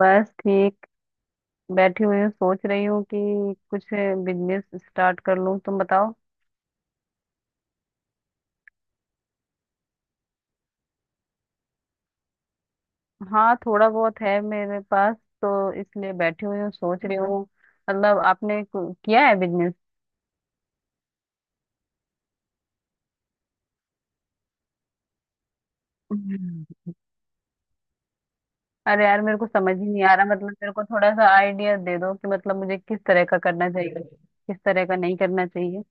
बस ठीक। बैठी हुई हूँ सोच रही हूँ कि कुछ बिजनेस स्टार्ट कर लूँ। तुम बताओ। हाँ, थोड़ा बहुत है मेरे पास, तो इसलिए बैठी हुई हूँ सोच रही हूँ। मतलब आपने किया है बिजनेस? हम्म। अरे यार, मेरे को समझ ही नहीं आ रहा। मतलब मेरे को थोड़ा सा आइडिया दे दो कि मतलब मुझे किस तरह का करना चाहिए, किस तरह का नहीं करना चाहिए।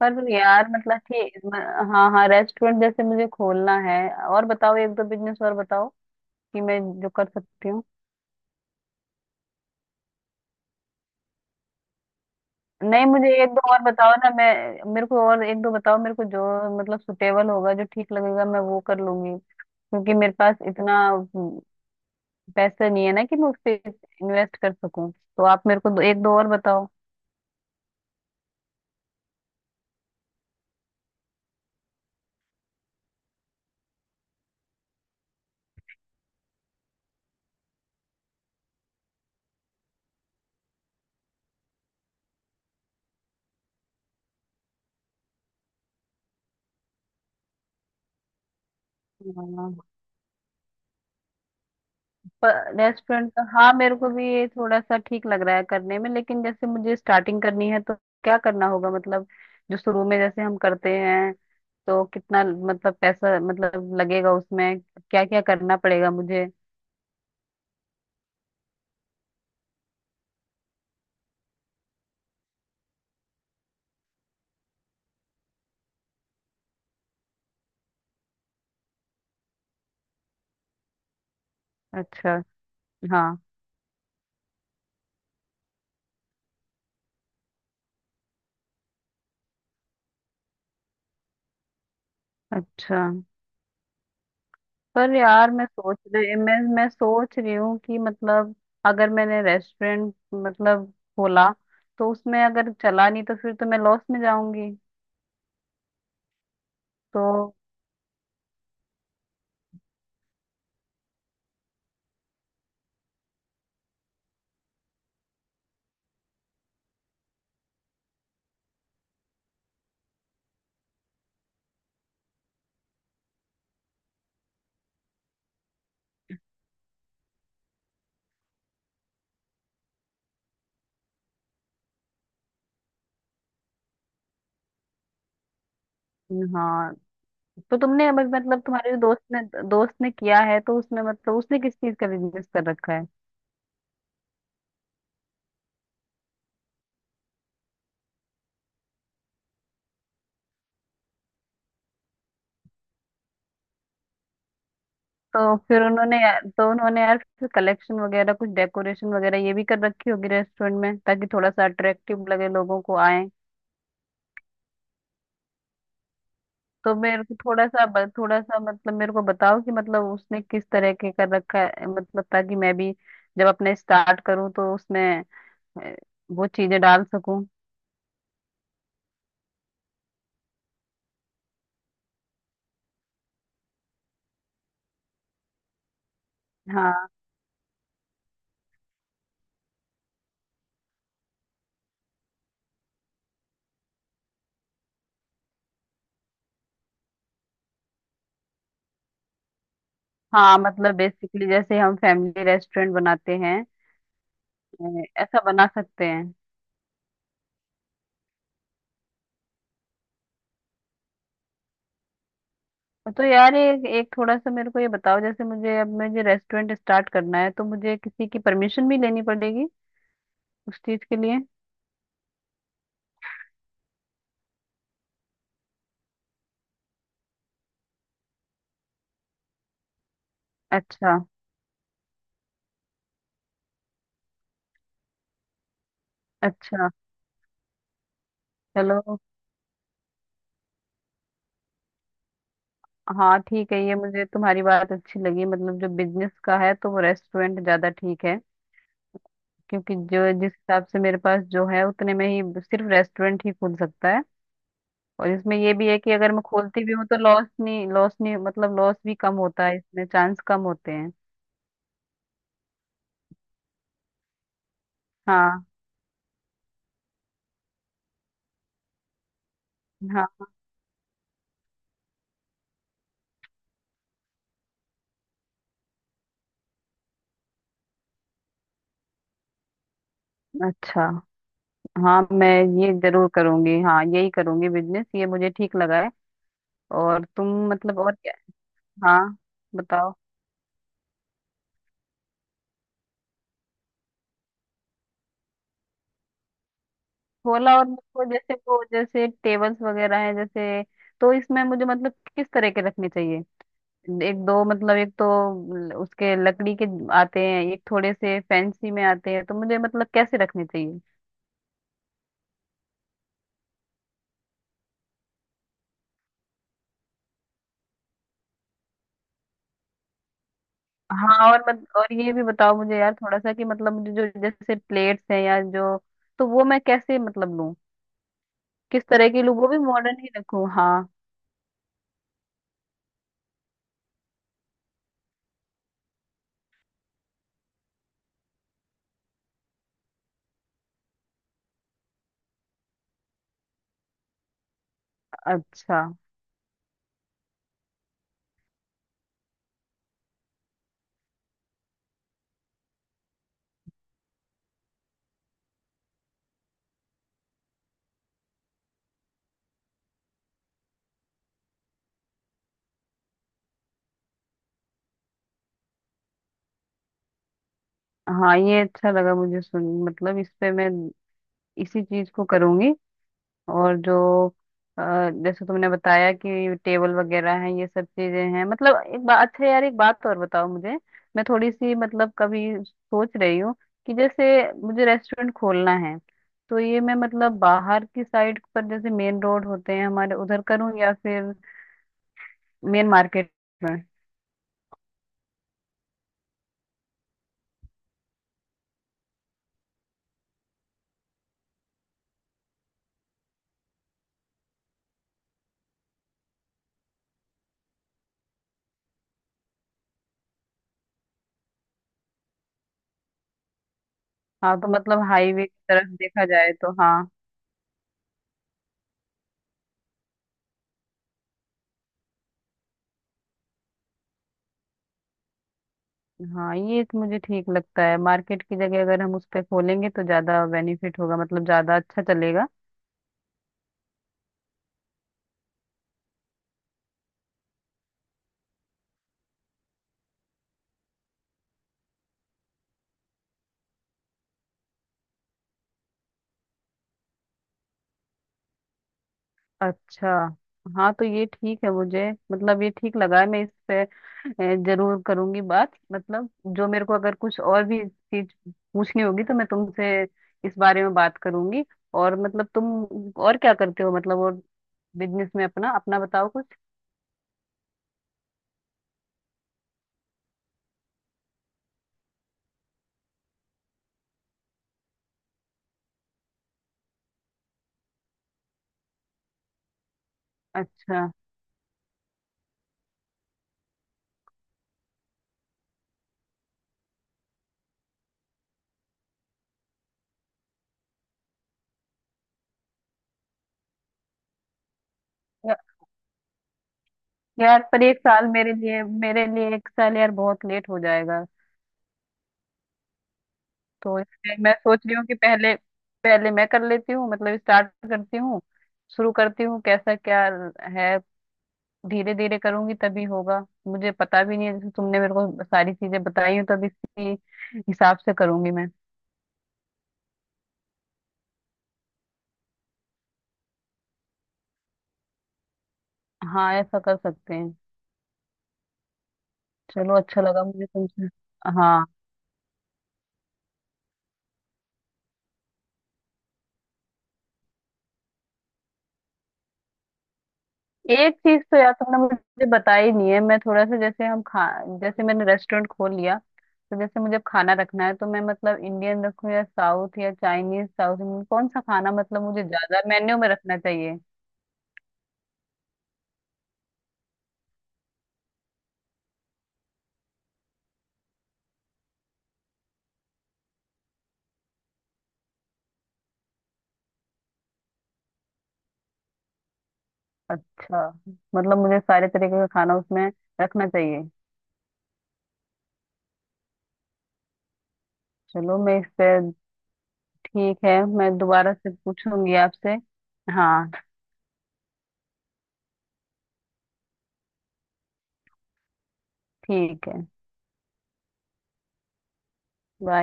पर यार मतलब ठीक। हाँ हाँ, रेस्टोरेंट जैसे मुझे खोलना है। और बताओ, एक दो बिजनेस और बताओ, कि मैं जो कर सकती हूँ। नहीं, मुझे एक दो और बताओ ना। मैं मेरे को और एक दो बताओ मेरे को, जो मतलब सुटेबल होगा, जो ठीक लगेगा मैं वो कर लूंगी, क्योंकि मेरे पास इतना पैसा नहीं है ना कि मैं उस पे इन्वेस्ट कर सकूं। तो आप मेरे को दो, एक दो और बताओ। रेस्टोरेंट का, हाँ, मेरे को भी ये थोड़ा सा ठीक लग रहा है करने में। लेकिन जैसे मुझे स्टार्टिंग करनी है तो क्या करना होगा? मतलब जो शुरू में जैसे हम करते हैं, तो कितना मतलब पैसा मतलब लगेगा उसमें? क्या क्या करना पड़ेगा मुझे? अच्छा। हाँ। अच्छा। पर यार, मैं सोच रही हूँ कि मतलब अगर मैंने रेस्टोरेंट मतलब खोला, तो उसमें अगर चला नहीं तो फिर तो मैं लॉस में जाऊंगी। तो। हाँ, तो तुमने अब मतलब तुम्हारे दोस्त ने किया है, तो उसमें मतलब उसने किस चीज का बिजनेस कर रखा है? तो उन्होंने यार फिर कलेक्शन वगैरह कुछ डेकोरेशन वगैरह ये भी कर रखी होगी रेस्टोरेंट में, ताकि थोड़ा सा अट्रैक्टिव लगे, लोगों को आए। तो मेरे को थोड़ा सा थोड़ा सा मतलब मेरे को बताओ कि मतलब उसने किस तरह के कर रखा है, मतलब ताकि मैं भी जब अपने स्टार्ट करूं तो उसमें अ, वो चीजें डाल सकूं। हाँ हाँ, मतलब बेसिकली जैसे हम फैमिली रेस्टोरेंट बनाते हैं, ऐसा बना सकते हैं। तो यार, एक एक थोड़ा सा मेरे को ये बताओ, जैसे मुझे अब मुझे रेस्टोरेंट स्टार्ट करना है, तो मुझे किसी की परमिशन भी लेनी पड़ेगी उस चीज के लिए? अच्छा। अच्छा। चलो। हाँ ठीक है, ये मुझे तुम्हारी बात अच्छी लगी, मतलब जो बिजनेस का है तो वो रेस्टोरेंट ज्यादा ठीक है। क्योंकि जो जिस हिसाब से मेरे पास जो है, उतने में ही सिर्फ रेस्टोरेंट ही खुल सकता है। और इसमें ये भी है कि अगर मैं खोलती भी हूँ तो लॉस नहीं, लॉस नहीं, मतलब लॉस भी कम होता है, इसमें चांस कम होते हैं। हाँ। हाँ। अच्छा। हाँ, मैं ये जरूर करूंगी। हाँ, यही करूंगी बिजनेस, ये मुझे ठीक लगा है। और तुम मतलब और क्या? हाँ बताओ। होला। और मुझको, जैसे वो जैसे टेबल्स वगैरह है जैसे, तो इसमें मुझे मतलब किस तरह के रखने चाहिए? एक दो मतलब, एक तो उसके लकड़ी के आते हैं, एक थोड़े से फैंसी में आते हैं, तो मुझे मतलब कैसे रखने चाहिए? हाँ, और मत, और ये भी बताओ मुझे यार थोड़ा सा, कि मतलब मुझे जो जैसे प्लेट्स हैं या जो, तो वो मैं कैसे मतलब लूं, किस तरह की लूं, वो भी मॉडर्न ही रखूं? हाँ। अच्छा। हाँ, ये अच्छा लगा मुझे सुन, मतलब इस पे मैं इसी चीज को करूंगी। और जो अ, जैसे तुमने बताया कि टेबल वगैरह हैं, ये सब चीजें हैं मतलब, एक बात, अच्छा यार एक बात और बताओ मुझे। मैं थोड़ी सी मतलब कभी सोच रही हूँ कि जैसे मुझे रेस्टोरेंट खोलना है, तो ये मैं मतलब बाहर की साइड पर, जैसे मेन रोड होते हैं हमारे उधर करूँ, या फिर मेन मार्केट में? हाँ, तो मतलब हाईवे की तरफ देखा जाए तो? हाँ। हाँ, ये तो मुझे ठीक लगता है, मार्केट की जगह अगर हम उस पे खोलेंगे तो ज्यादा बेनिफिट होगा, मतलब ज्यादा अच्छा चलेगा। अच्छा। हाँ, तो ये ठीक है मुझे, मतलब ये ठीक लगा है। मैं इस पे जरूर करूंगी बात, मतलब जो मेरे को अगर कुछ और भी चीज पूछनी होगी तो मैं तुमसे इस बारे में बात करूंगी। और मतलब तुम और क्या करते हो, मतलब और बिजनेस में अपना अपना बताओ कुछ। अच्छा। या- यार, पर एक साल मेरे लिए, मेरे लिए एक साल यार बहुत लेट हो जाएगा। तो इसलिए मैं सोच रही हूँ कि पहले पहले मैं कर लेती हूँ, मतलब स्टार्ट करती हूँ, शुरू करती हूँ, कैसा क्या है। धीरे धीरे करूंगी तभी होगा। मुझे पता भी नहीं है, जैसे तुमने मेरे को सारी चीजें बताई हो तब इसी हिसाब से करूंगी मैं। हाँ, ऐसा कर सकते हैं। चलो, अच्छा लगा मुझे तुमसे। हाँ। एक चीज तो यार तुमने मुझे बताई नहीं है। मैं थोड़ा सा जैसे हम खा जैसे मैंने रेस्टोरेंट खोल लिया, तो जैसे मुझे अब खाना रखना है, तो मैं मतलब इंडियन रखूं या साउथ या चाइनीज? साउथ इंडियन कौन सा खाना, मतलब मुझे ज्यादा मेन्यू में रखना चाहिए? अच्छा, मतलब मुझे सारे तरीके का खाना उसमें रखना चाहिए? चलो, मैं इस पे। ठीक है, मैं दोबारा से पूछूंगी आपसे। हाँ ठीक है। बाय।